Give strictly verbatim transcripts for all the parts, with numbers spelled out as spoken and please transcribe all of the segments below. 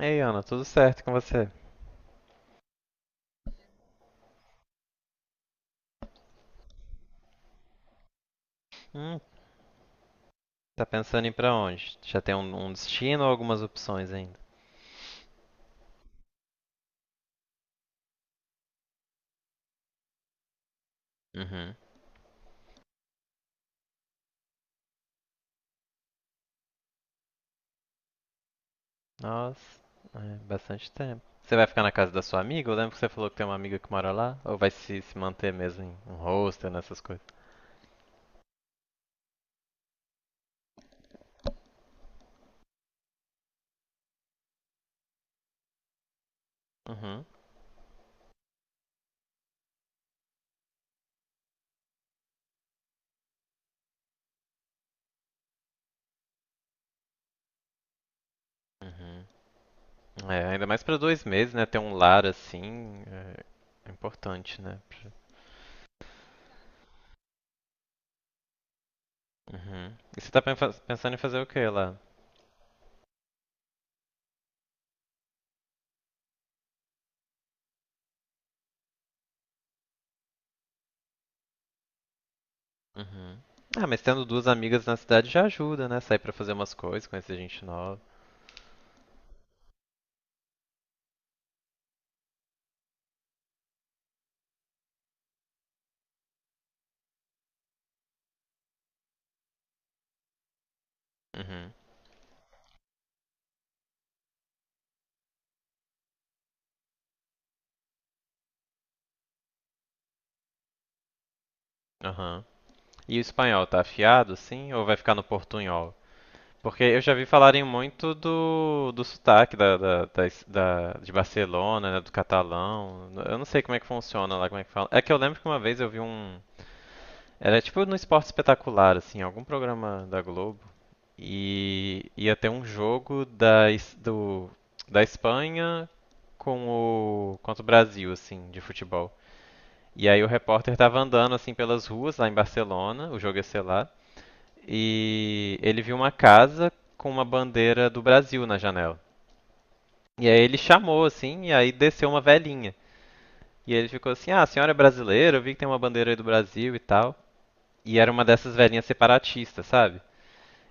Ei, Ana, tudo certo com você? Hum, tá pensando em ir pra onde? Já tem um, um destino ou algumas opções ainda? Uhum. Nossa, é bastante tempo. Você vai ficar na casa da sua amiga? Eu lembro que você falou que tem uma amiga que mora lá. Ou vai se, se manter mesmo em um hostel, nessas coisas? Uhum. Uhum. É, ainda mais pra dois meses, né? Ter um lar assim é, é importante, né? Uhum. E você tá pen- fa- pensando em fazer o que lá? Uhum. Ah, mas tendo duas amigas na cidade já ajuda, né? Sair pra fazer umas coisas, conhecer gente nova. Uhum. Aham. E o espanhol tá afiado, assim, ou vai ficar no portunhol? Porque eu já vi falarem muito do, do sotaque da, da, da, es- da- de Barcelona, né, do catalão. Eu não sei como é que funciona lá, como é que fala. É que eu lembro que uma vez eu vi um. Era tipo no Esporte Espetacular, assim, algum programa da Globo. E ia ter um jogo da, es- do, da Espanha com o, contra o Brasil, assim, de futebol. E aí o repórter tava andando, assim, pelas ruas lá em Barcelona, o jogo ia ser lá e ele viu uma casa com uma bandeira do Brasil na janela. E aí ele chamou assim, e aí desceu uma velhinha. E ele ficou assim: "Ah, a senhora é brasileira, eu vi que tem uma bandeira aí do Brasil e tal". E era uma dessas velhinhas separatistas, sabe?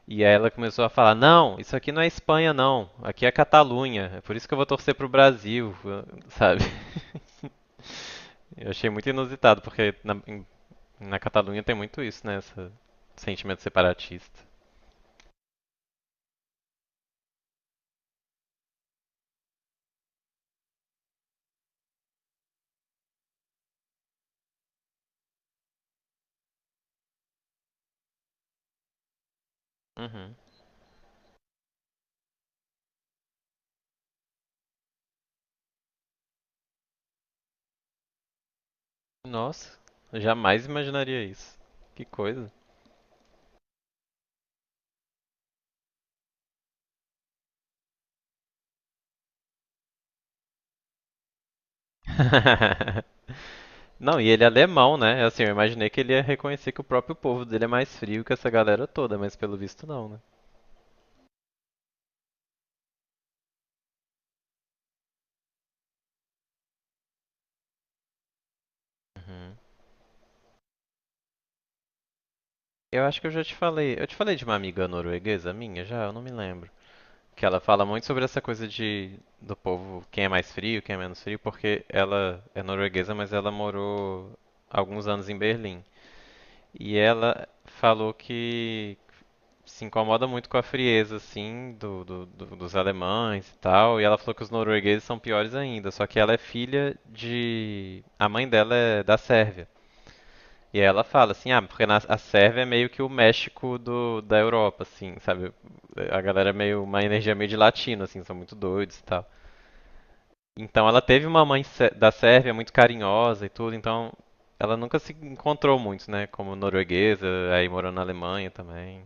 E aí ela começou a falar: "Não, isso aqui não é Espanha não, aqui é Catalunha. É por isso que eu vou torcer pro Brasil", sabe? Eu achei muito inusitado, porque na, na Catalunha tem muito isso, né? Esse sentimento separatista. Uhum. Nossa, jamais imaginaria isso. Que coisa. Não, e ele é alemão, né? Assim, eu imaginei que ele ia reconhecer que o próprio povo dele é mais frio que essa galera toda, mas pelo visto não, né? Uhum. Eu acho que eu já te falei. Eu te falei de uma amiga norueguesa minha já? Eu não me lembro. Que ela fala muito sobre essa coisa de do povo, quem é mais frio, quem é menos frio, porque ela é norueguesa, mas ela morou alguns anos em Berlim. E ela falou que se incomoda muito com a frieza, assim, do, do- do- dos alemães e tal. E ela falou que os noruegueses são piores ainda. Só que ela é filha de. A mãe dela é da Sérvia. E ela fala assim: ah, porque na- a Sérvia é meio que o México do, da Europa, assim, sabe? A galera é meio. Uma energia meio de latino, assim, são muito doidos e tal. Então ela teve uma mãe sé- da Sérvia muito carinhosa e tudo, então ela nunca se encontrou muito, né? Como norueguesa, aí morou na Alemanha também.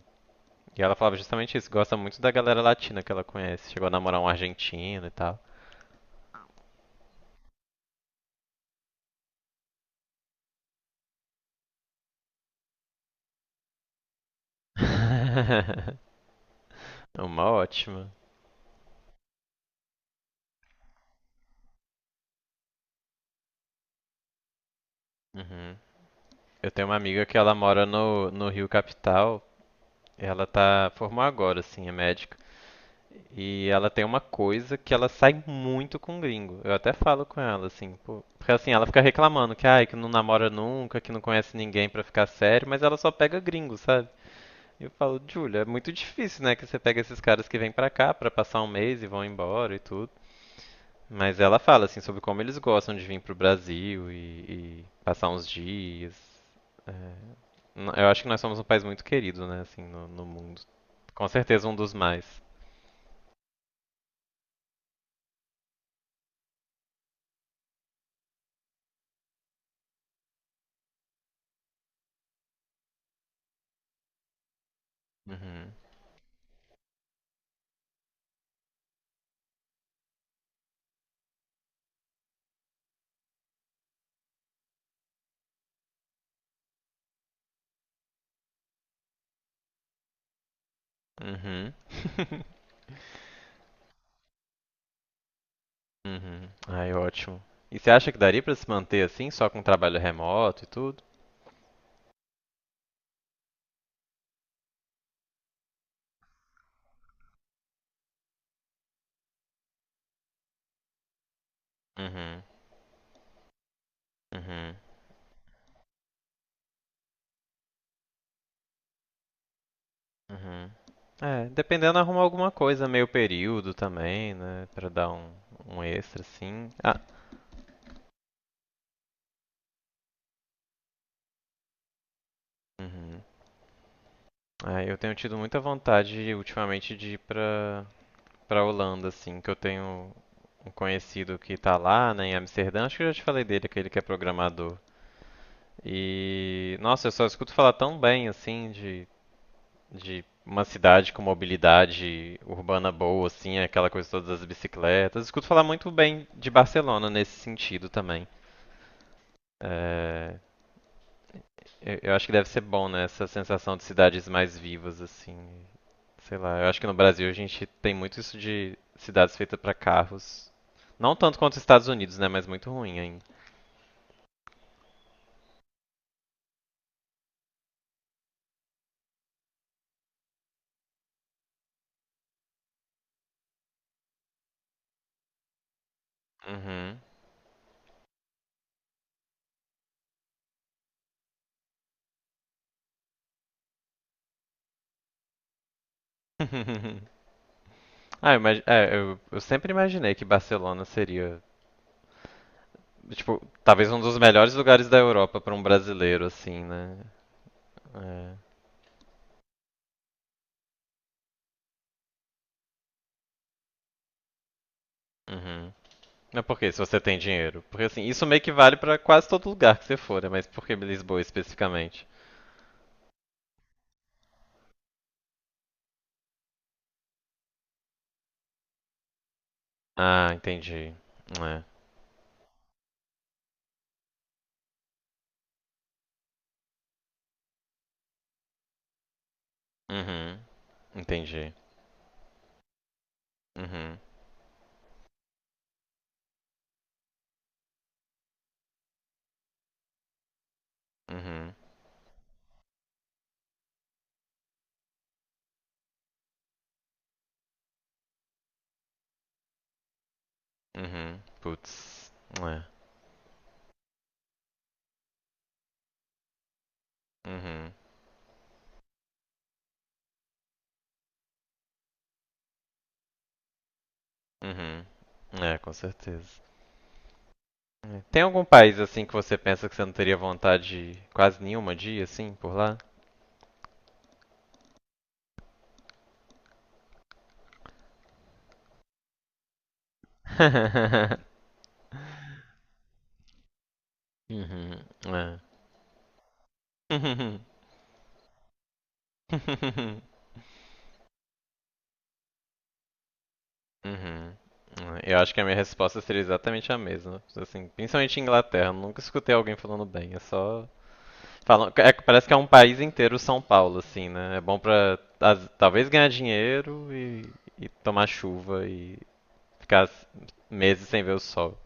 E ela falava justamente isso, gosta muito da galera latina que ela conhece. Chegou a namorar um argentino e tal. Uma ótima. Uhum. Eu tenho uma amiga que ela mora no, no Rio Capital. Ela tá formou agora, assim, é médica. E ela tem uma coisa que ela sai muito com gringo. Eu até falo com ela, assim, pô. Porque assim, ela fica reclamando que, ai, que não namora nunca, que não conhece ninguém pra ficar sério, mas ela só pega gringo, sabe? Eu falo, Júlia, é muito difícil, né, que você pega esses caras que vêm pra cá pra passar um mês e vão embora e tudo. Mas ela fala, assim, sobre como eles gostam de vir pro Brasil e, e passar uns dias. É, n- eu acho que nós somos um país muito querido, né, assim, no, no mundo. Com certeza um dos mais. Uhum. Uhum. Uhum. Ai, ótimo. E você acha que daria pra se manter assim, só com trabalho remoto e tudo? Uhum. Uhum. Uhum. É, dependendo arruma alguma coisa, meio período também, né? Pra dar um, um extra, assim. Ah, uhum. Ah, eu tenho tido muita vontade ultimamente de ir pra, pra Holanda, assim, que eu tenho um conhecido que tá lá, né, em Amsterdã. Acho que eu já te falei dele, aquele que é programador. E, nossa, eu só escuto falar tão bem, assim, de, de uma cidade com mobilidade urbana boa, assim, aquela coisa todas as bicicletas. Escuto falar muito bem de Barcelona nesse sentido também. É, eu, eu acho que deve ser bom, né? Essa sensação de cidades mais vivas, assim. Sei lá, eu acho que no Brasil a gente tem muito isso de cidades feitas para carros. Não tanto quanto os Estados Unidos, né? Mas muito ruim ainda. Uhum. Ah, eu, imag- é, eu- eu sempre imaginei que Barcelona seria, tipo, talvez um dos melhores lugares da Europa para um brasileiro, assim, né? É. Uhum. Mas por quê? Se você tem dinheiro? Porque assim, isso meio que vale para quase todo lugar que você for, né? Mas por que Lisboa especificamente? Ah, entendi. É. Uhum. Entendi. Uhum. Uhum. Uhum. Putz. É. Uhum. Uhum. É, com certeza. Tem algum país assim que você pensa que você não teria vontade quase nenhuma de ir assim por lá? Uhum. É. Uhum. Uhum. É, eu acho que a minha resposta seria exatamente a mesma. Assim, principalmente em Inglaterra, eu nunca escutei alguém falando bem, é só falam, é- parece que é um país inteiro São Paulo, assim, né? É bom pra as- talvez ganhar dinheiro e, e tomar chuva e ficar s- meses sem ver o sol.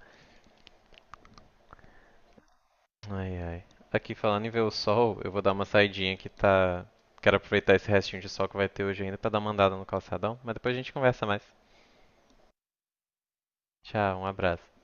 Ai, ai. Aqui falando em ver o sol, eu vou dar uma saidinha que tá. Quero aproveitar esse restinho de sol que vai ter hoje ainda pra dar uma andada no calçadão, mas depois a gente conversa mais. Tchau, um abraço.